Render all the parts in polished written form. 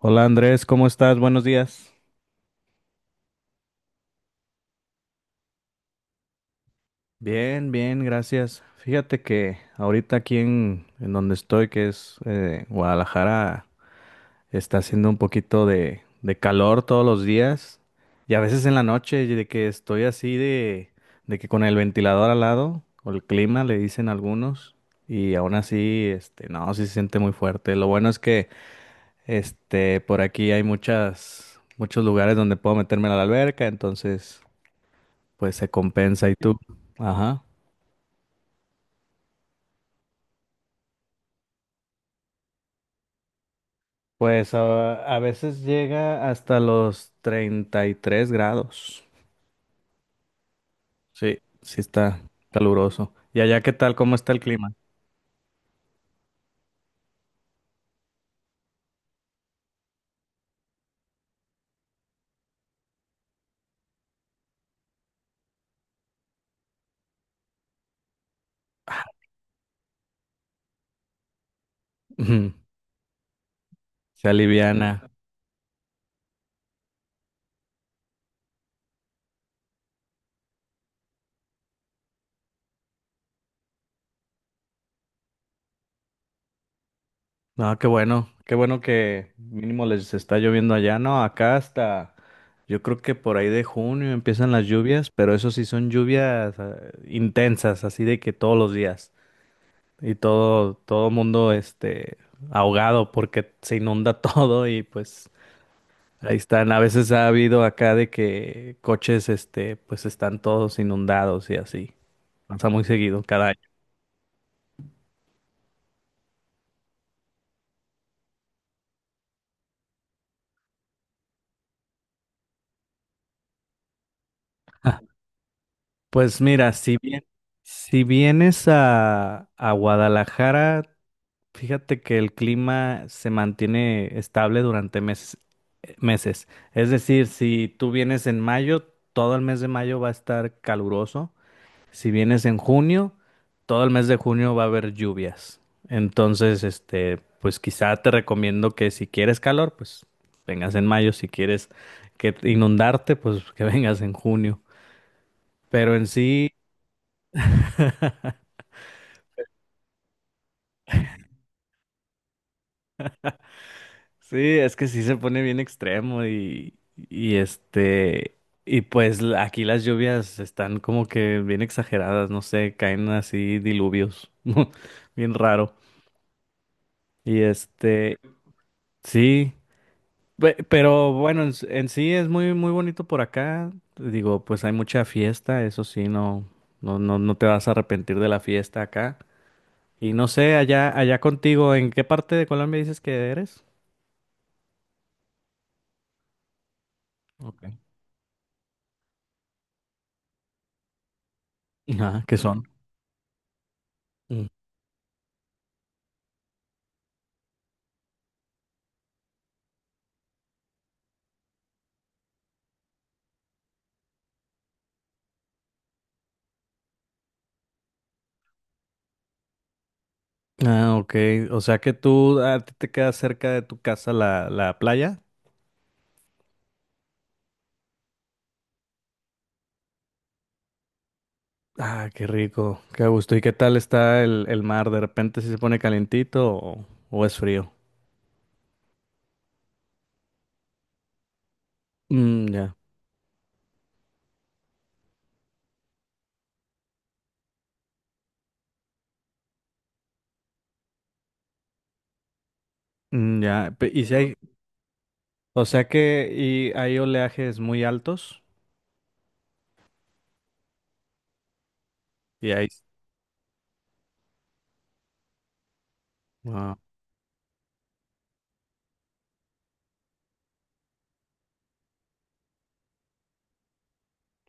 Hola Andrés, ¿cómo estás? Buenos días. Bien, bien, gracias. Fíjate que ahorita aquí en donde estoy, que es Guadalajara, está haciendo un poquito de calor todos los días y a veces en la noche y de que estoy así de que con el ventilador al lado o el clima le dicen algunos y aún así, no, sí se siente muy fuerte. Lo bueno es que por aquí hay muchos lugares donde puedo meterme a la alberca, entonces pues se compensa. ¿Y tú? Ajá. Pues a veces llega hasta los 33 grados. Sí, sí está caluroso. ¿Y allá qué tal? ¿Cómo está el clima? Ujú. Se aliviana. No, qué bueno. Qué bueno que mínimo les está lloviendo allá. No, acá hasta yo creo que por ahí de junio empiezan las lluvias, pero eso sí son lluvias intensas, así de que todos los días. Y todo mundo ahogado porque se inunda todo y pues ahí están. A veces ha habido acá de que coches pues están todos inundados y así. Pasa muy seguido cada año. Ah, pues mira, si bien, si vienes a Guadalajara, fíjate que el clima se mantiene estable durante meses, meses. Es decir, si tú vienes en mayo, todo el mes de mayo va a estar caluroso. Si vienes en junio, todo el mes de junio va a haber lluvias. Entonces, pues quizá te recomiendo que si quieres calor, pues vengas en mayo. Si quieres que te- inundarte, pues que vengas en junio. Pero en sí, sí, es que sí se pone bien extremo y, y este, y pues la- aquí las lluvias están como que bien exageradas, no sé, caen así diluvios, bien raro. Y este, sí. Pero bueno, en sí es muy, muy bonito por acá. Digo, pues hay mucha fiesta, eso sí, no, no, no, no te vas a arrepentir de la fiesta acá. Y no sé, allá contigo, ¿en qué parte de Colombia dices que eres? Ok. Ah, que son. Son. Mm. Ah, ok. O sea que tú, a ti te queda cerca de tu casa la playa. Ah, qué rico, qué gusto. ¿Y qué tal está el mar? ¿De repente si se pone calentito o es frío? Mm, ya. Mm, ya. ¿Y si hay, o sea que y hay oleajes muy altos y hay? Ah,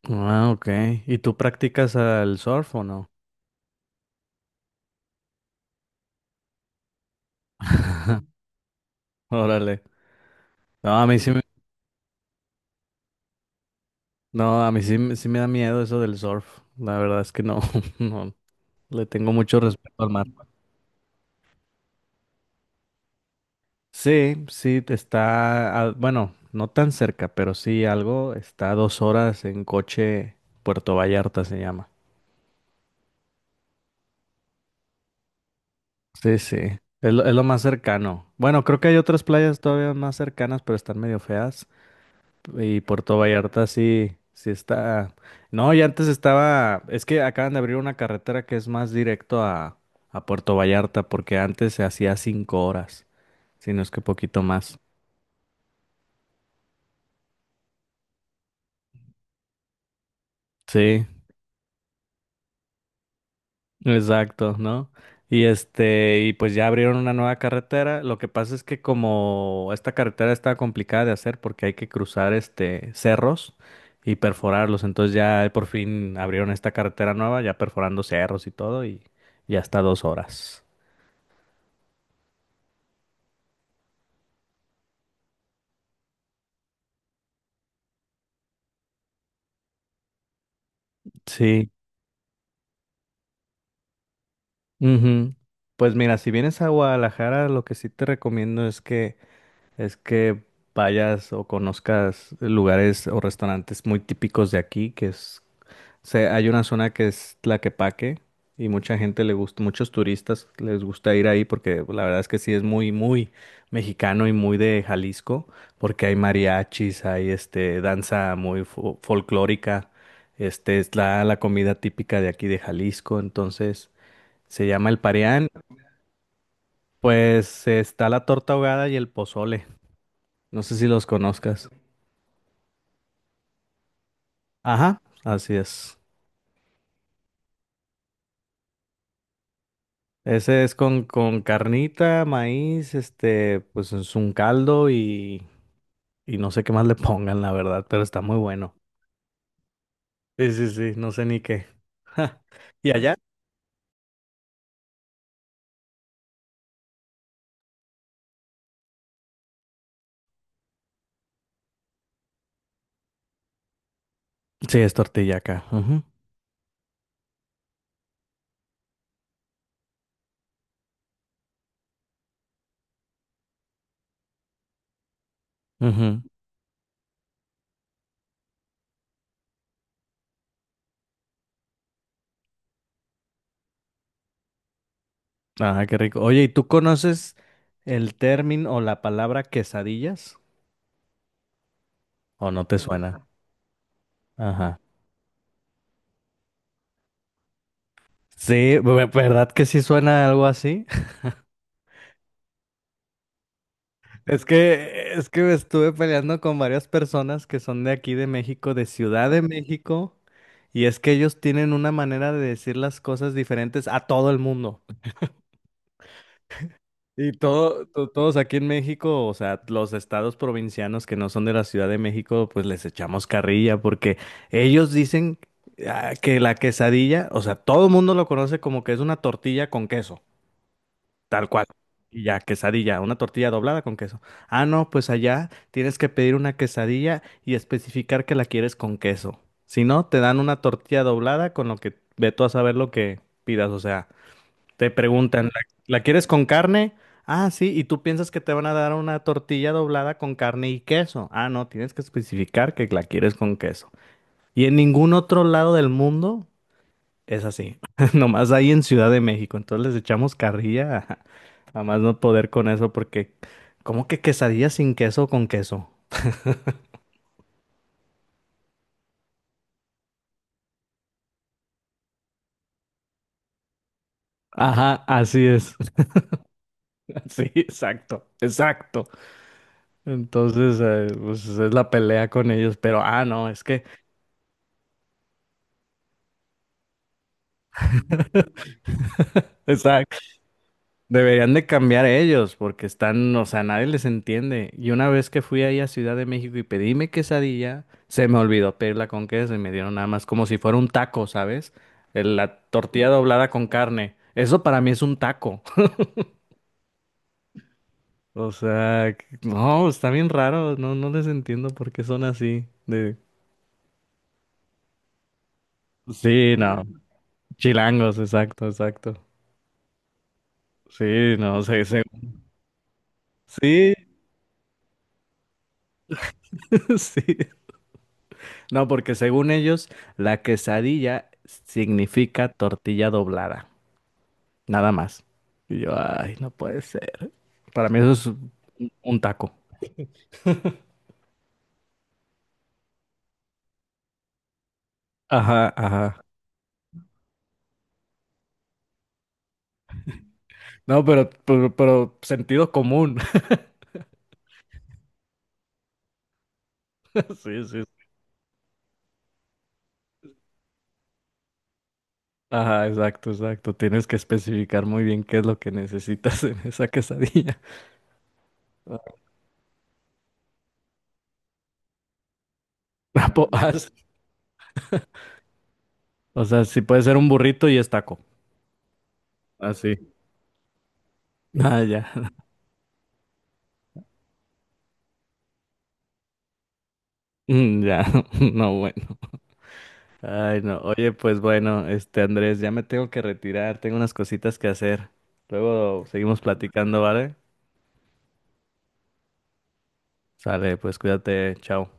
ah, ok. ¿Y tú practicas el surf o no? Órale. No, a mí sí me, no, a mí sí, sí me da miedo eso del surf. La verdad es que no, no, le tengo mucho respeto al mar. Sí, sí, bueno, no tan cerca, pero sí algo, está a 2 horas en coche, Puerto Vallarta se llama. Sí, sí, es lo más cercano. Bueno, creo que hay otras playas todavía más cercanas, pero están medio feas. Y Puerto Vallarta sí, sí está. No, y antes estaba. Es que acaban de abrir una carretera que es más directo a Puerto Vallarta, porque antes se hacía 5 horas, si no es que poquito más. Sí. Exacto, ¿no? Y este, y pues ya abrieron una nueva carretera. Lo que pasa es que como esta carretera está complicada de hacer porque hay que cruzar cerros y perforarlos. Entonces ya por fin abrieron esta carretera nueva, ya perforando cerros y todo, y ya está 2 horas. Sí. Ujú. Pues mira, si vienes a Guadalajara, lo que sí te recomiendo es que vayas o conozcas lugares o restaurantes muy típicos de aquí, hay una zona que es Tlaquepaque y mucha gente le gusta, muchos turistas les gusta ir ahí porque la verdad es que sí es muy, muy mexicano y muy de Jalisco, porque hay mariachis, hay danza muy folclórica, es la comida típica de aquí de Jalisco, entonces se llama el pareán, pues está la torta ahogada y el pozole, no sé si los conozcas. Ajá, así es. Ese es con carnita, maíz, pues es un caldo y no sé qué más le pongan, la verdad, pero está muy bueno. Sí, sí, sí, no sé ni qué. ¿Y allá? Sí, es tortilla acá. Ujú, ujú. Ajá, qué rico. Oye, ¿y tú conoces el término o la palabra quesadillas? ¿O no te suena? Ajá. Sí, ¿verdad que sí suena algo así? Es que me estuve peleando con varias personas que son de aquí de México, de Ciudad de México, y es que ellos tienen una manera de decir las cosas diferentes a todo el mundo. Y todos aquí en México, o sea, los estados provincianos que no son de la Ciudad de México, pues les echamos carrilla porque ellos dicen ah, que la quesadilla, o sea, todo el mundo lo conoce como que es una tortilla con queso. Tal cual. Y ya, quesadilla, una tortilla doblada con queso. Ah, no, pues allá tienes que pedir una quesadilla y especificar que la quieres con queso. Si no, te dan una tortilla doblada con lo que ve tú a saber lo que pidas. O sea, te preguntan, ¿la, la quieres con carne? Ah, sí, y tú piensas que te van a dar una tortilla doblada con carne y queso. Ah, no, tienes que especificar que la quieres con queso. Y en ningún otro lado del mundo. Es así, nomás ahí en Ciudad de México, entonces les echamos carrilla a más no poder con eso porque ¿cómo que quesadilla sin queso o con queso? Ajá, así es, sí, exacto, exacto. Entonces, pues es la pelea con ellos, pero ah, no, exacto. Deberían de cambiar ellos porque están, o sea, nadie les entiende. Y una vez que fui ahí a Ciudad de México y pedí mi quesadilla, se me olvidó pedirla con queso y me dieron nada más como si fuera un taco, ¿sabes? La tortilla doblada con carne. Eso para mí es un taco. O sea, no, está bien raro. No, no les entiendo por qué son así. De... Sí, no. Chilangos, exacto, exacto. Sí, no, sé, se... sí, sí. No, porque según ellos, la quesadilla significa tortilla doblada, nada más. Y yo, ay, no puede ser. Para mí eso es un taco. Ajá, ajá. No, pero sentido común. Sí, sí. Ajá, exacto, exacto. Tienes que especificar muy bien qué es lo que necesitas en esa quesadilla. Ah, po- ah, s- O sea, si puede ser un burrito y es taco. Así. Ah, sí. Ah, ya. Mm, ya. No, bueno. Ay, no. Oye, pues bueno, este Andrés, ya me tengo que retirar, tengo unas cositas que hacer. Luego seguimos platicando, ¿vale? Sale, pues cuídate, chao.